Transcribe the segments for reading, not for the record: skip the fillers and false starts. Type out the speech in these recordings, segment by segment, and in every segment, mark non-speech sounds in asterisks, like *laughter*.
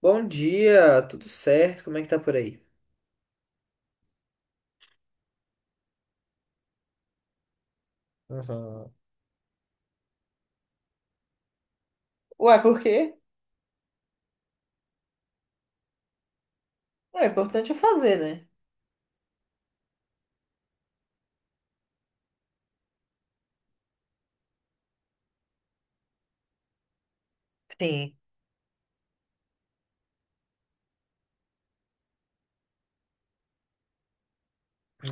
Bom dia, tudo certo? Como é que tá por aí? Uhum. Ué, por quê? Ué, o importante é fazer, né? Sim,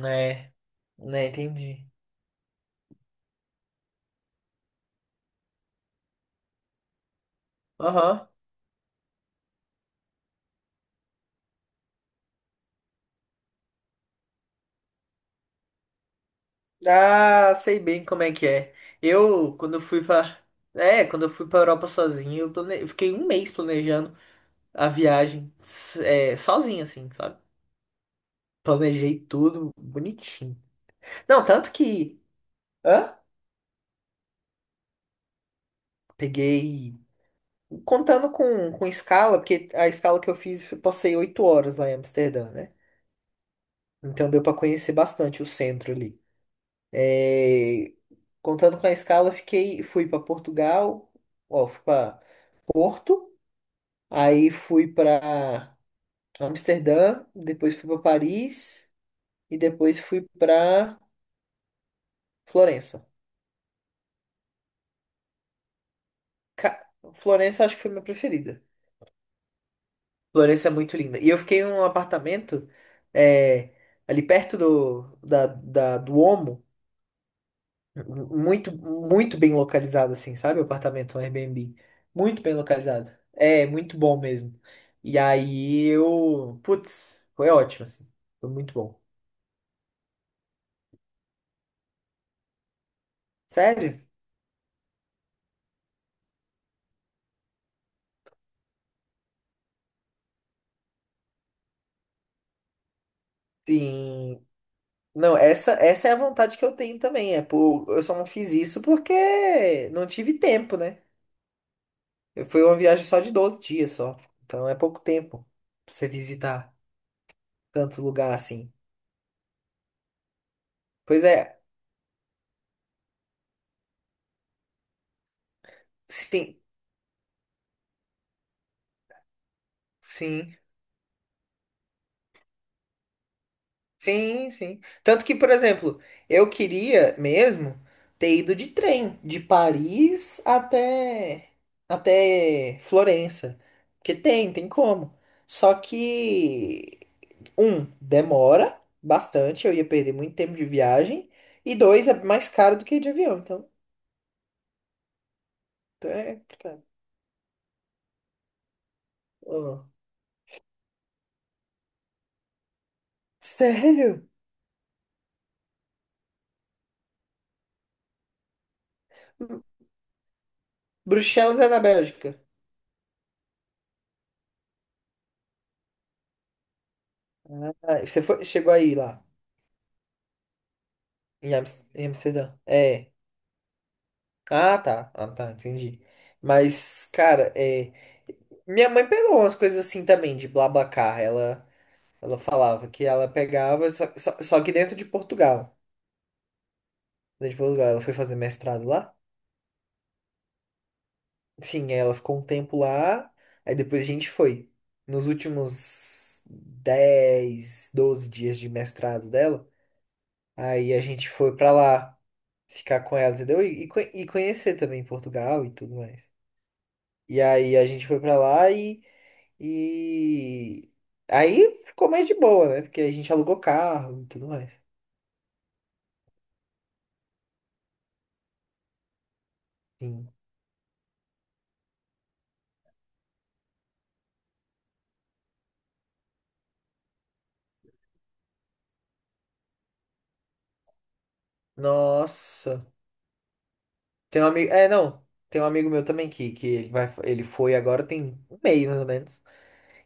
é, né, entendi. Aham. Ah, sei bem como é que é. Eu, quando eu fui pra. É, quando eu fui pra Europa sozinho, eu fiquei um mês planejando a viagem, sozinho, assim, sabe? Planejei tudo bonitinho. Não, tanto que. Hã? Peguei. Contando com escala, porque a escala que eu fiz, eu passei oito horas lá em Amsterdã, né? Então deu para conhecer bastante o centro ali. É, Contando com a escala, fui para Portugal, ó, fui para Porto, aí fui para Amsterdã, depois fui para Paris e depois fui para Florença. Ca- Florença acho que foi minha preferida. Florença é muito linda. E eu fiquei num apartamento é, ali perto do Omo, muito, muito bem localizado, assim, sabe? O apartamento, um Airbnb. Muito bem localizado. É, muito bom mesmo. E aí eu. Putz, foi ótimo, assim. Foi muito bom. Sério? Sim. Não, essa é a vontade que eu tenho também. É por, eu só não fiz isso porque não tive tempo, né? eu Foi uma viagem só de 12 dias só. Então é pouco tempo pra você visitar tanto lugar assim. Pois é, sim, sim, sim. Tanto que, por exemplo, eu queria mesmo ter ido de trem, de Paris até Florença, porque tem como. Só que um, demora bastante, eu ia perder muito tempo de viagem, e dois, é mais caro do que de avião, então então é complicado. Ó. *laughs* Sério? Bruxelas é na Bélgica. Ah, você foi, chegou aí lá. Em Amsterdã. É. Ah, tá. Ah, tá, entendi. Mas, cara, é. Minha mãe pegou umas coisas assim também, de BlaBlaCar. Ela falava que ela pegava, só que dentro de Portugal. Dentro de Portugal, ela foi fazer mestrado lá. Sim, aí ela ficou um tempo lá. Aí depois a gente foi. Nos últimos 10, 12 dias de mestrado dela, aí a gente foi pra lá ficar com ela, entendeu? E conhecer também Portugal e tudo mais. E aí a gente foi pra lá e aí ficou mais de boa, né? Porque a gente alugou carro e tudo mais. Sim. Nossa. Tem um amigo. É, não. Tem um amigo meu também que ele vai, ele foi agora tem um mês, mais ou menos.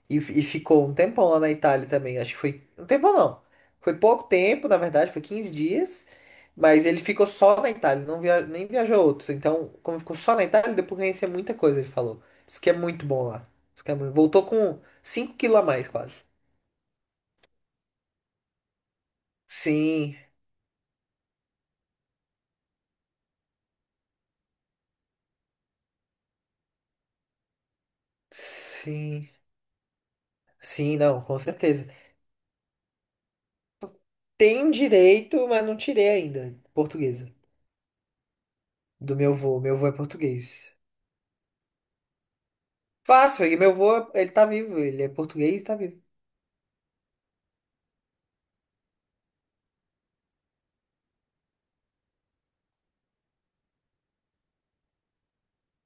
E ficou um tempão lá na Itália também. Acho que foi. Um tempão não. Foi pouco tempo, na verdade, foi 15 dias. Mas ele ficou só na Itália, não via, nem viajou outros. Então, como ficou só na Itália, deu pra conhecer muita coisa, ele falou. Isso que é muito bom lá. Diz que é muito- Voltou com cinco quilos a mais, quase. Sim, sim, sim, não, com certeza. Tem direito, mas não tirei ainda. Portuguesa. Do meu avô. Meu avô é português. Fácil, e meu avô, ele tá vivo, ele é português e tá vivo.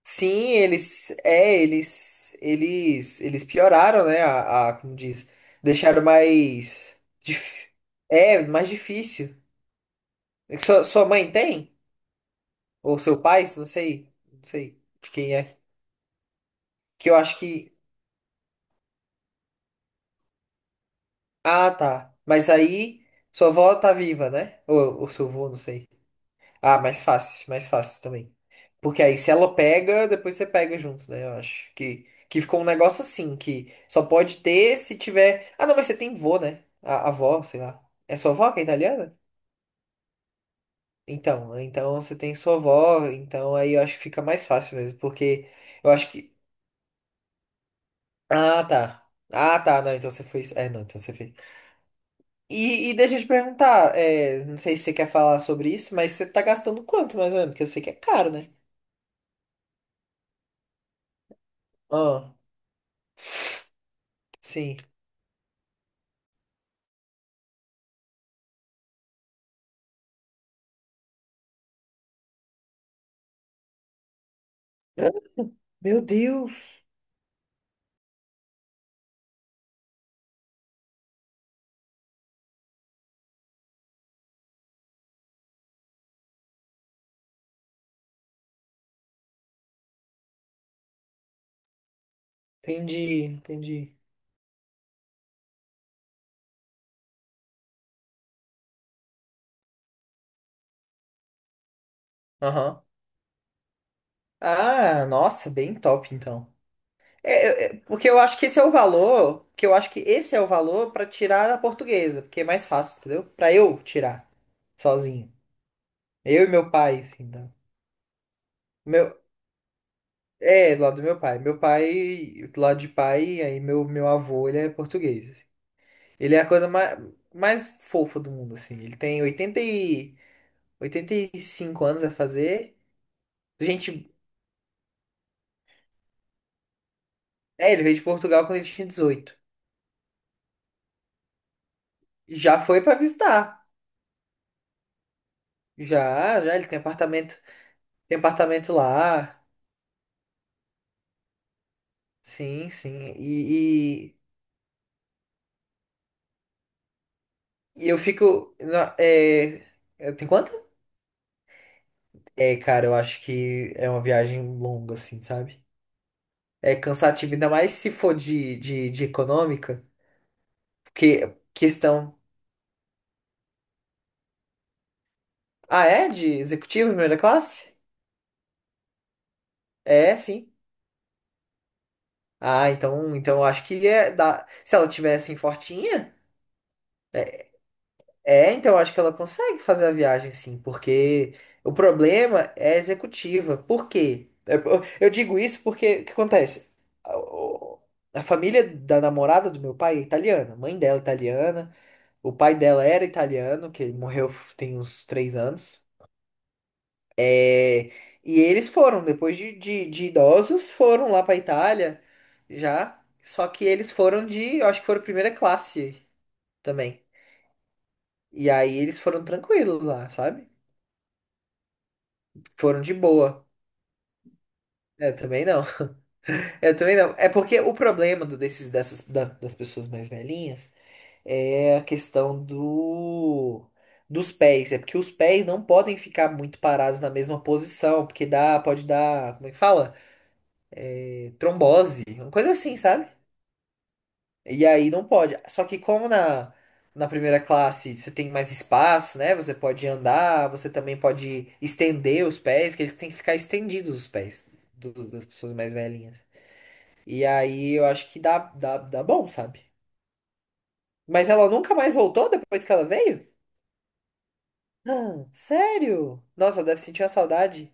Sim, eles, é, eles pioraram, né? Como diz, deixaram mais, é, mais difícil. É que sua mãe tem? Ou seu pai? Não sei, não sei de quem é. Que eu acho que, ah, tá. Mas aí, sua avó tá viva, né? Ou seu avô, não sei. Ah, mais fácil também. Porque aí se ela pega, depois você pega junto, né? Que ficou um negócio assim, que só pode ter se tiver. Ah, não, mas você tem vô, né? A avó, sei lá. É sua avó que é italiana? Então, então você tem sua avó, então aí eu acho que fica mais fácil mesmo, porque eu acho que. Ah, tá. Ah, tá, não, então você fez. É, não, então você fez. E deixa eu te perguntar, é, não sei se você quer falar sobre isso, mas você tá gastando quanto mais ou menos? Porque eu sei que é caro, né? Ah, sim. Meu Deus! Entendi, entendi. Aham. Ah, nossa, bem top então. É, porque eu acho que esse é o valor, que eu acho que esse é o valor pra tirar a portuguesa, porque é mais fácil, entendeu? Pra eu tirar sozinho. Eu e meu pai, assim, tá? Meu, é, do lado do meu pai. Meu pai, do lado de pai, aí meu avô, ele é português, assim. Ele é a coisa mais, mais fofa do mundo, assim. Ele tem 80 e, 85 anos a fazer. Gente, é, ele veio de Portugal quando ele tinha 18. Já foi pra visitar. Já, já, ele tem apartamento lá. Sim, sim. E, e, É, tem quanto? É, cara, eu acho que é uma viagem longa, assim, sabe? É cansativo, ainda mais se for de econômica. Porque questão. Ah, é? De executivo, primeira classe? É, sim. Ah, então, então eu acho que é da... se ela tivesse assim, fortinha. É, então eu acho que ela consegue fazer a viagem sim, porque o problema é a executiva. Por quê? É, eu digo isso porque o que acontece? A o- a família da namorada do meu pai é italiana, a mãe dela é italiana, o pai dela era italiano, que ele morreu tem uns três anos. É, e eles foram, depois de idosos, foram lá pra Itália já. Só que eles foram de, eu acho que foram primeira classe também. E aí eles foram tranquilos lá, sabe? Foram de boa. Eu também não. *laughs* Eu também não. É porque o problema das pessoas mais velhinhas é a questão dos pés. É porque os pés não podem ficar muito parados na mesma posição, porque dá, pode dar, como é que fala? É, Trombose, uma coisa assim, sabe? E aí não pode. Só que como na primeira classe você tem mais espaço, né? Você pode andar, você também pode estender os pés, que eles têm que ficar estendidos os pés das pessoas mais velhinhas. E aí eu acho que dá bom, sabe? Mas ela nunca mais voltou depois que ela veio? *gasps* Ah, sério? Nossa, deve sentir uma saudade.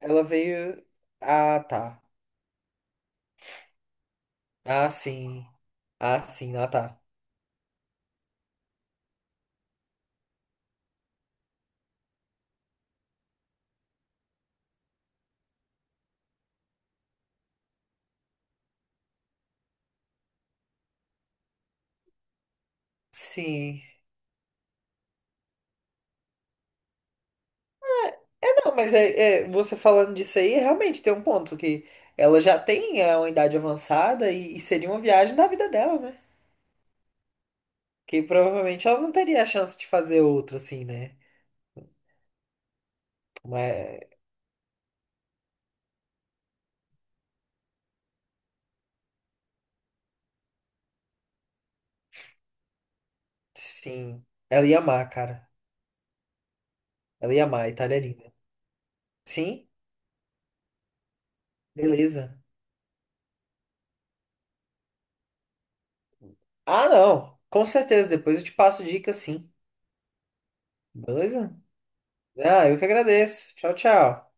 Ela veio. Ah, tá. Ah, sim. Ah, sim, ah, tá. Sim. É, não, mas é, é, você falando disso aí, realmente tem um ponto que ela já tem é, uma idade avançada e seria uma viagem da vida dela, né? Que provavelmente ela não teria a chance de fazer outra, assim, né? Mas, sim. Ela ia amar, cara. Ela ia amar, a Itália é linda. Sim? Beleza. Ah, não. Com certeza. Depois eu te passo dicas, sim. Beleza? Ah, eu que agradeço. Tchau, tchau.